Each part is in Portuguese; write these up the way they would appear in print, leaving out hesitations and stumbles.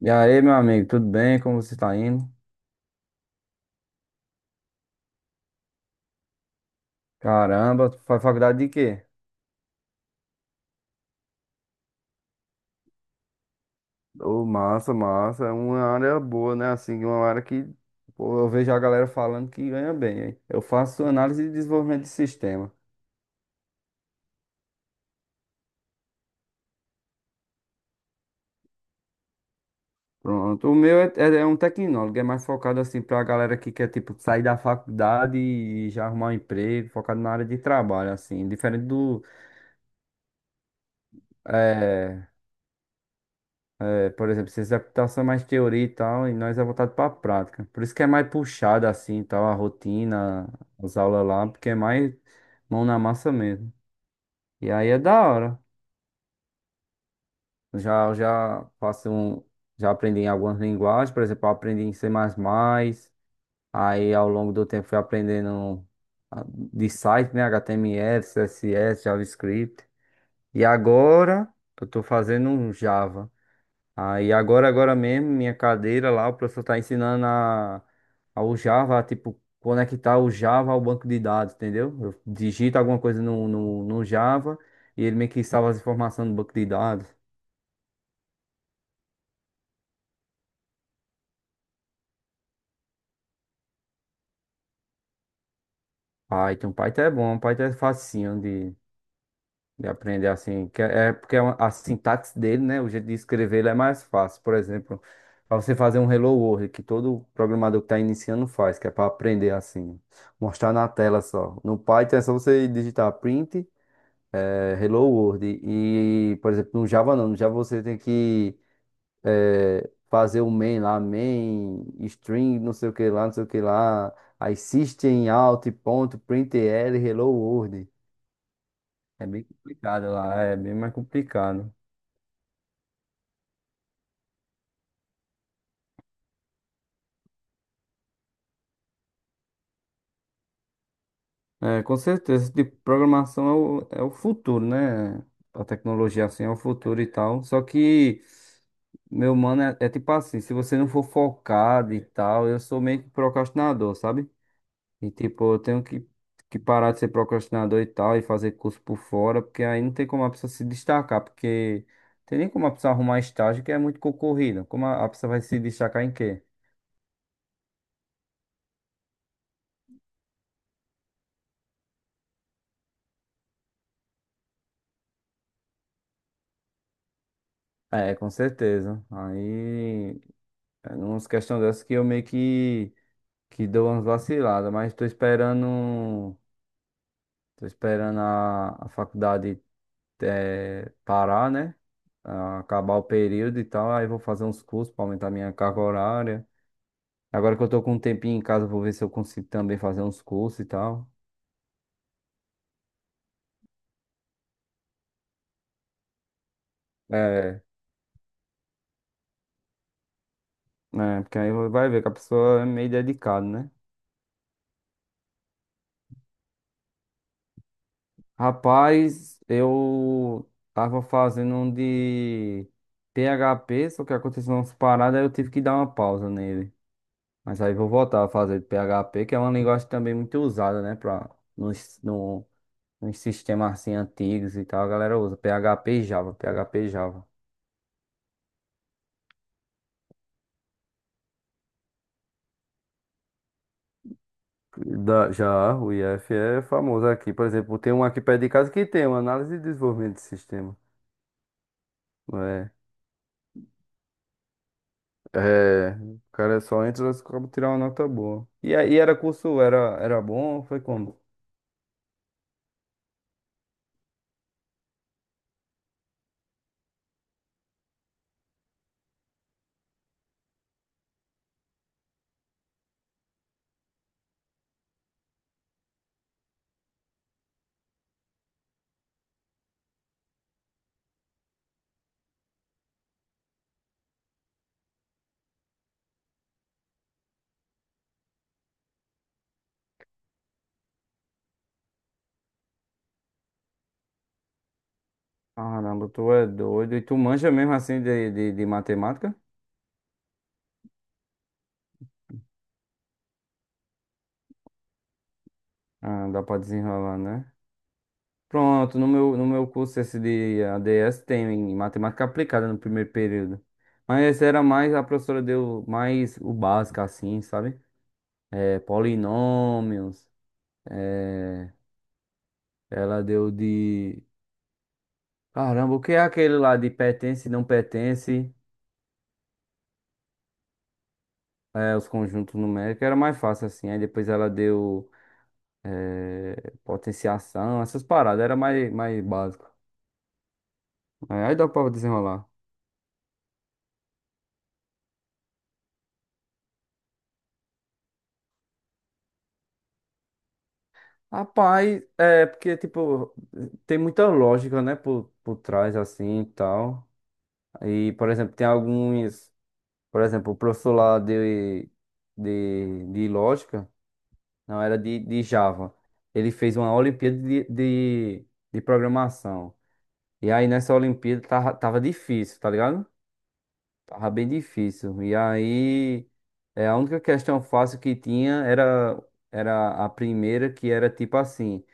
E aí, meu amigo, tudo bem? Como você está indo? Caramba, tu faz faculdade de quê? Ô, massa, massa. É uma área boa, né? Assim, uma área que. Pô, eu vejo a galera falando que ganha bem, hein? Eu faço análise de desenvolvimento de sistema. Pronto. O meu é um tecnólogo, é mais focado assim pra galera que quer, tipo, sair da faculdade e já arrumar um emprego, focado na área de trabalho, assim. Diferente do, é, Por exemplo, ciência da computação é mais teoria e tal, e nós é voltado para a prática. Por isso que é mais puxado assim, e tal, a rotina, as aulas lá, porque é mais mão na massa mesmo. E aí é da hora. Já já faço um, já aprendi em algumas linguagens, por exemplo, eu aprendi em C++, aí ao longo do tempo fui aprendendo de site, né, HTML, CSS, JavaScript. E agora eu tô fazendo um Java. Aí agora, agora mesmo, minha cadeira lá, o professor tá ensinando ao Java, a, tipo, conectar o Java ao banco de dados, entendeu? Eu digito alguma coisa no Java e ele meio que salva as informações no banco de dados. Python, Python é bom, Python é facinho de aprender assim, que é porque é a sintaxe dele, né? O jeito de escrever ele é mais fácil. Por exemplo, para você fazer um Hello World, que todo programador que está iniciando faz, que é para aprender assim, mostrar na tela só. No Python é só você digitar print, Hello World. E, por exemplo, no Java não, no Java você tem que fazer o main lá, main, string, não sei o que lá, não sei o que lá. Aí system out, ponto, printl, Hello World. É bem complicado lá, é bem mais complicado. É, com certeza, esse tipo de programação é o futuro, né? A tecnologia assim é o futuro e tal. Só que, meu mano, é tipo assim, se você não for focado e tal, eu sou meio que procrastinador, sabe? E tipo, eu tenho que parar de ser procrastinador e tal, e fazer curso por fora, porque aí não tem como a pessoa se destacar, porque tem nem como a pessoa arrumar estágio que é muito concorrido. Como a pessoa vai se destacar em quê? É, com certeza. Aí, é umas questões dessas que eu meio que deu umas vaciladas, mas tô esperando a faculdade parar, né? Ah, acabar o período e tal, aí vou fazer uns cursos para aumentar minha carga horária. Agora que eu tô com um tempinho em casa, vou ver se eu consigo também fazer uns cursos e tal. É, né? Porque aí vai ver que a pessoa é meio dedicada, né? Rapaz, eu tava fazendo um de PHP, só que aconteceu umas paradas, aí eu tive que dar uma pausa nele. Mas aí vou voltar a fazer de PHP, que é uma linguagem também muito usada, né? Pra, nos, no, nos sistemas assim antigos e tal, a galera usa PHP e Java, PHP e Java. Já o IF é famoso aqui. Por exemplo, tem um aqui perto de casa que tem uma análise de desenvolvimento de sistema. Não é? É, o cara só entra e acaba tirar uma nota boa. E aí era curso, era bom, foi como? Caramba, tu é doido. E tu manja mesmo assim de matemática? Ah, dá pra desenrolar, né? Pronto, no meu curso esse de ADS tem em matemática aplicada no primeiro período. Mas esse era mais, a professora deu mais o básico assim, sabe? É, polinômios, é, ela deu de... Caramba, o que é aquele lá de pertence e não pertence? É, os conjuntos numéricos era mais fácil assim. Aí depois ela deu potenciação, essas paradas, era mais básico. Aí dá pra desenrolar. Rapaz, é porque, tipo, tem muita lógica, né, por trás, assim, e tal. E, por exemplo, tem alguns, por exemplo, o professor lá de lógica, não, era de Java. Ele fez uma Olimpíada de programação. E aí, nessa Olimpíada, tava difícil, tá ligado? Tava bem difícil. E aí, a única questão fácil que tinha era, era a primeira, que era, tipo assim...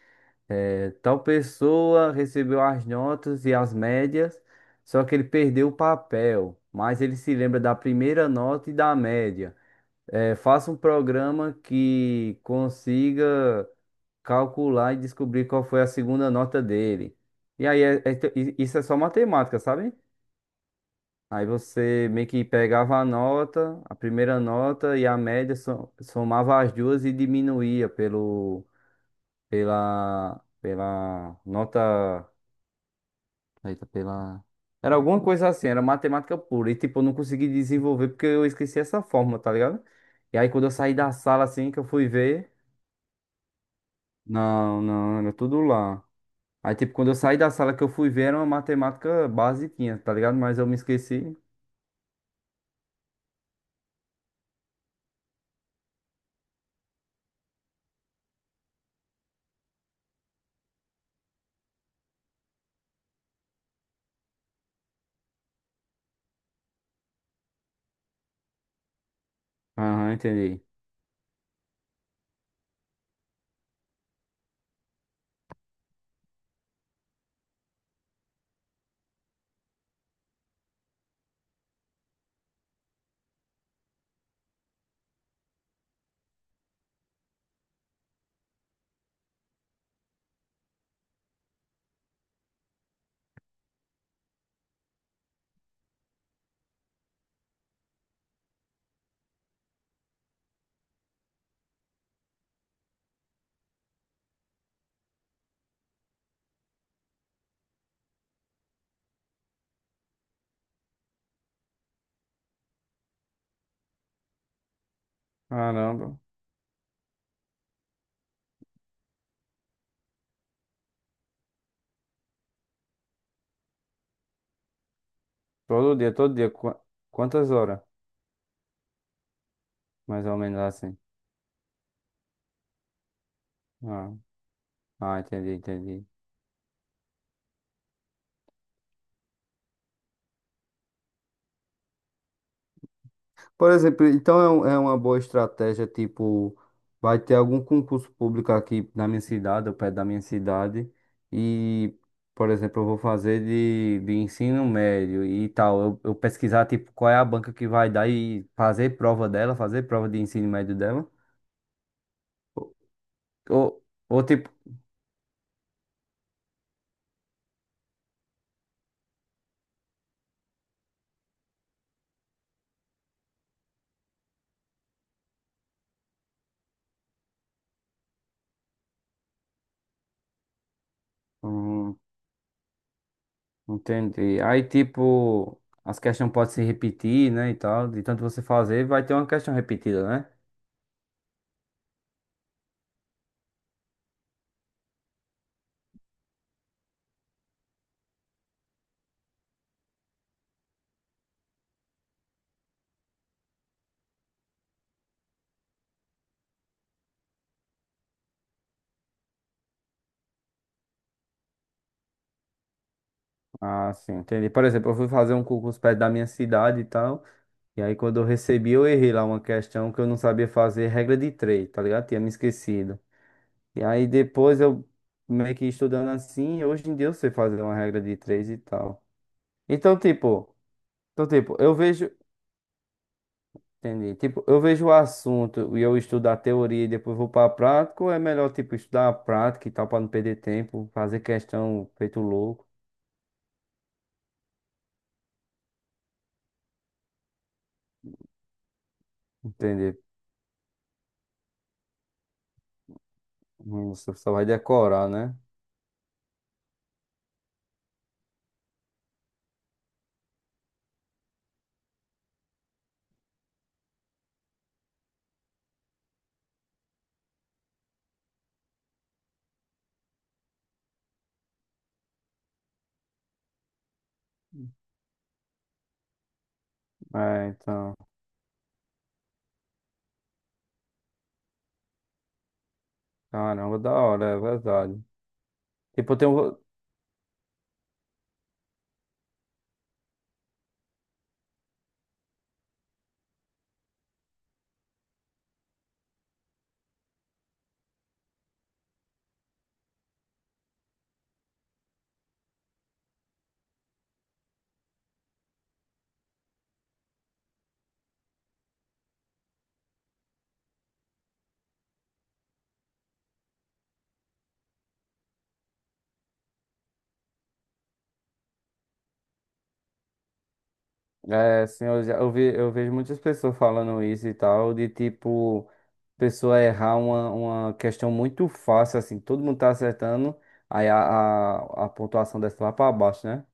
É, tal pessoa recebeu as notas e as médias, só que ele perdeu o papel, mas ele se lembra da primeira nota e da média. É, faça um programa que consiga calcular e descobrir qual foi a segunda nota dele. E aí, isso é só matemática, sabe? Aí você meio que pegava a nota, a primeira nota e a média, somava as duas e diminuía pela nota. Eita, pela. Era alguma coisa assim, era matemática pura. E tipo, eu não consegui desenvolver porque eu esqueci essa fórmula, tá ligado? E aí quando eu saí da sala assim que eu fui ver. Não, não, era tudo lá. Aí tipo, quando eu saí da sala que eu fui ver, era uma matemática basiquinha, tá ligado? Mas eu me esqueci. Aham, entendi. Caramba. Todo dia, todo dia. Quantas horas? Mais ou menos assim. Ah, ah, entendi, entendi. Por exemplo, então é uma boa estratégia, tipo, vai ter algum concurso público aqui na minha cidade, ou perto da minha cidade, e, por exemplo, eu vou fazer de ensino médio e tal. Eu pesquisar, tipo, qual é a banca que vai dar e fazer prova dela, fazer prova de ensino médio dela. Ou, ou ou, tipo, hum, entendi. Aí, tipo, as questões podem se repetir, né, e tal. De tanto você fazer, vai ter uma questão repetida, né? Ah, sim, entendi. Por exemplo, eu fui fazer um concurso perto da minha cidade e tal. E aí, quando eu recebi, eu errei lá uma questão que eu não sabia fazer, regra de três, tá ligado? Tinha me esquecido. E aí, depois eu meio que estudando assim, hoje em dia eu sei fazer uma regra de três e tal. Então, tipo, então, tipo, eu vejo, entendi. Tipo, eu vejo o assunto e eu estudo a teoria e depois vou pra prática, ou é melhor, tipo, estudar a prática e tal, pra não perder tempo, fazer questão feito louco, entender? Você só vai decorar, né? É, então, caramba, da hora, é verdade. Tipo, tem um, assim, eu, já, eu, ve, eu vejo muitas pessoas falando isso e tal, de tipo, pessoa errar uma questão muito fácil, assim, todo mundo tá acertando, aí a pontuação desce lá pra baixo, né?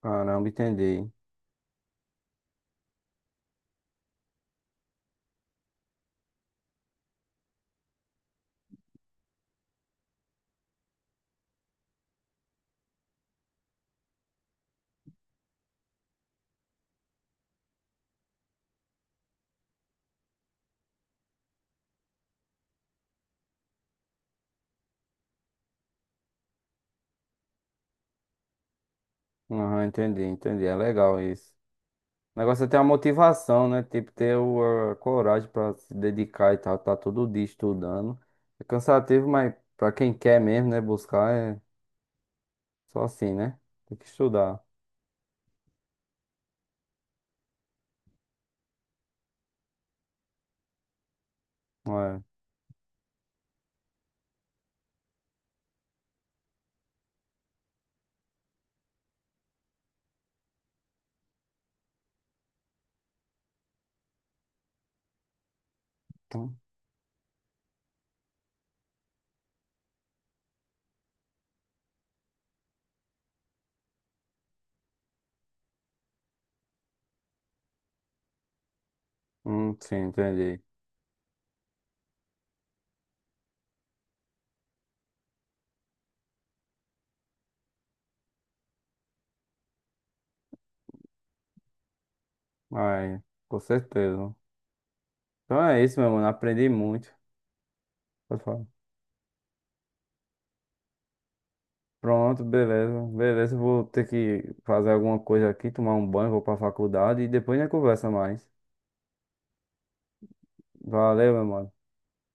Caramba, entendi. Aham, entendi, entendi, é legal isso. O negócio é ter a motivação, né? Tipo, ter a coragem pra se dedicar e tal, tá todo dia estudando. É cansativo, mas pra quem quer mesmo, né, buscar, é. Só assim, né? Tem que estudar. É. Então, sim, entendi. Ai, com certeza. Então é isso, meu mano. Aprendi muito. Pode falar. Pronto, beleza. Beleza, vou ter que fazer alguma coisa aqui, tomar um banho, vou pra faculdade e depois a gente conversa mais. Valeu, meu mano.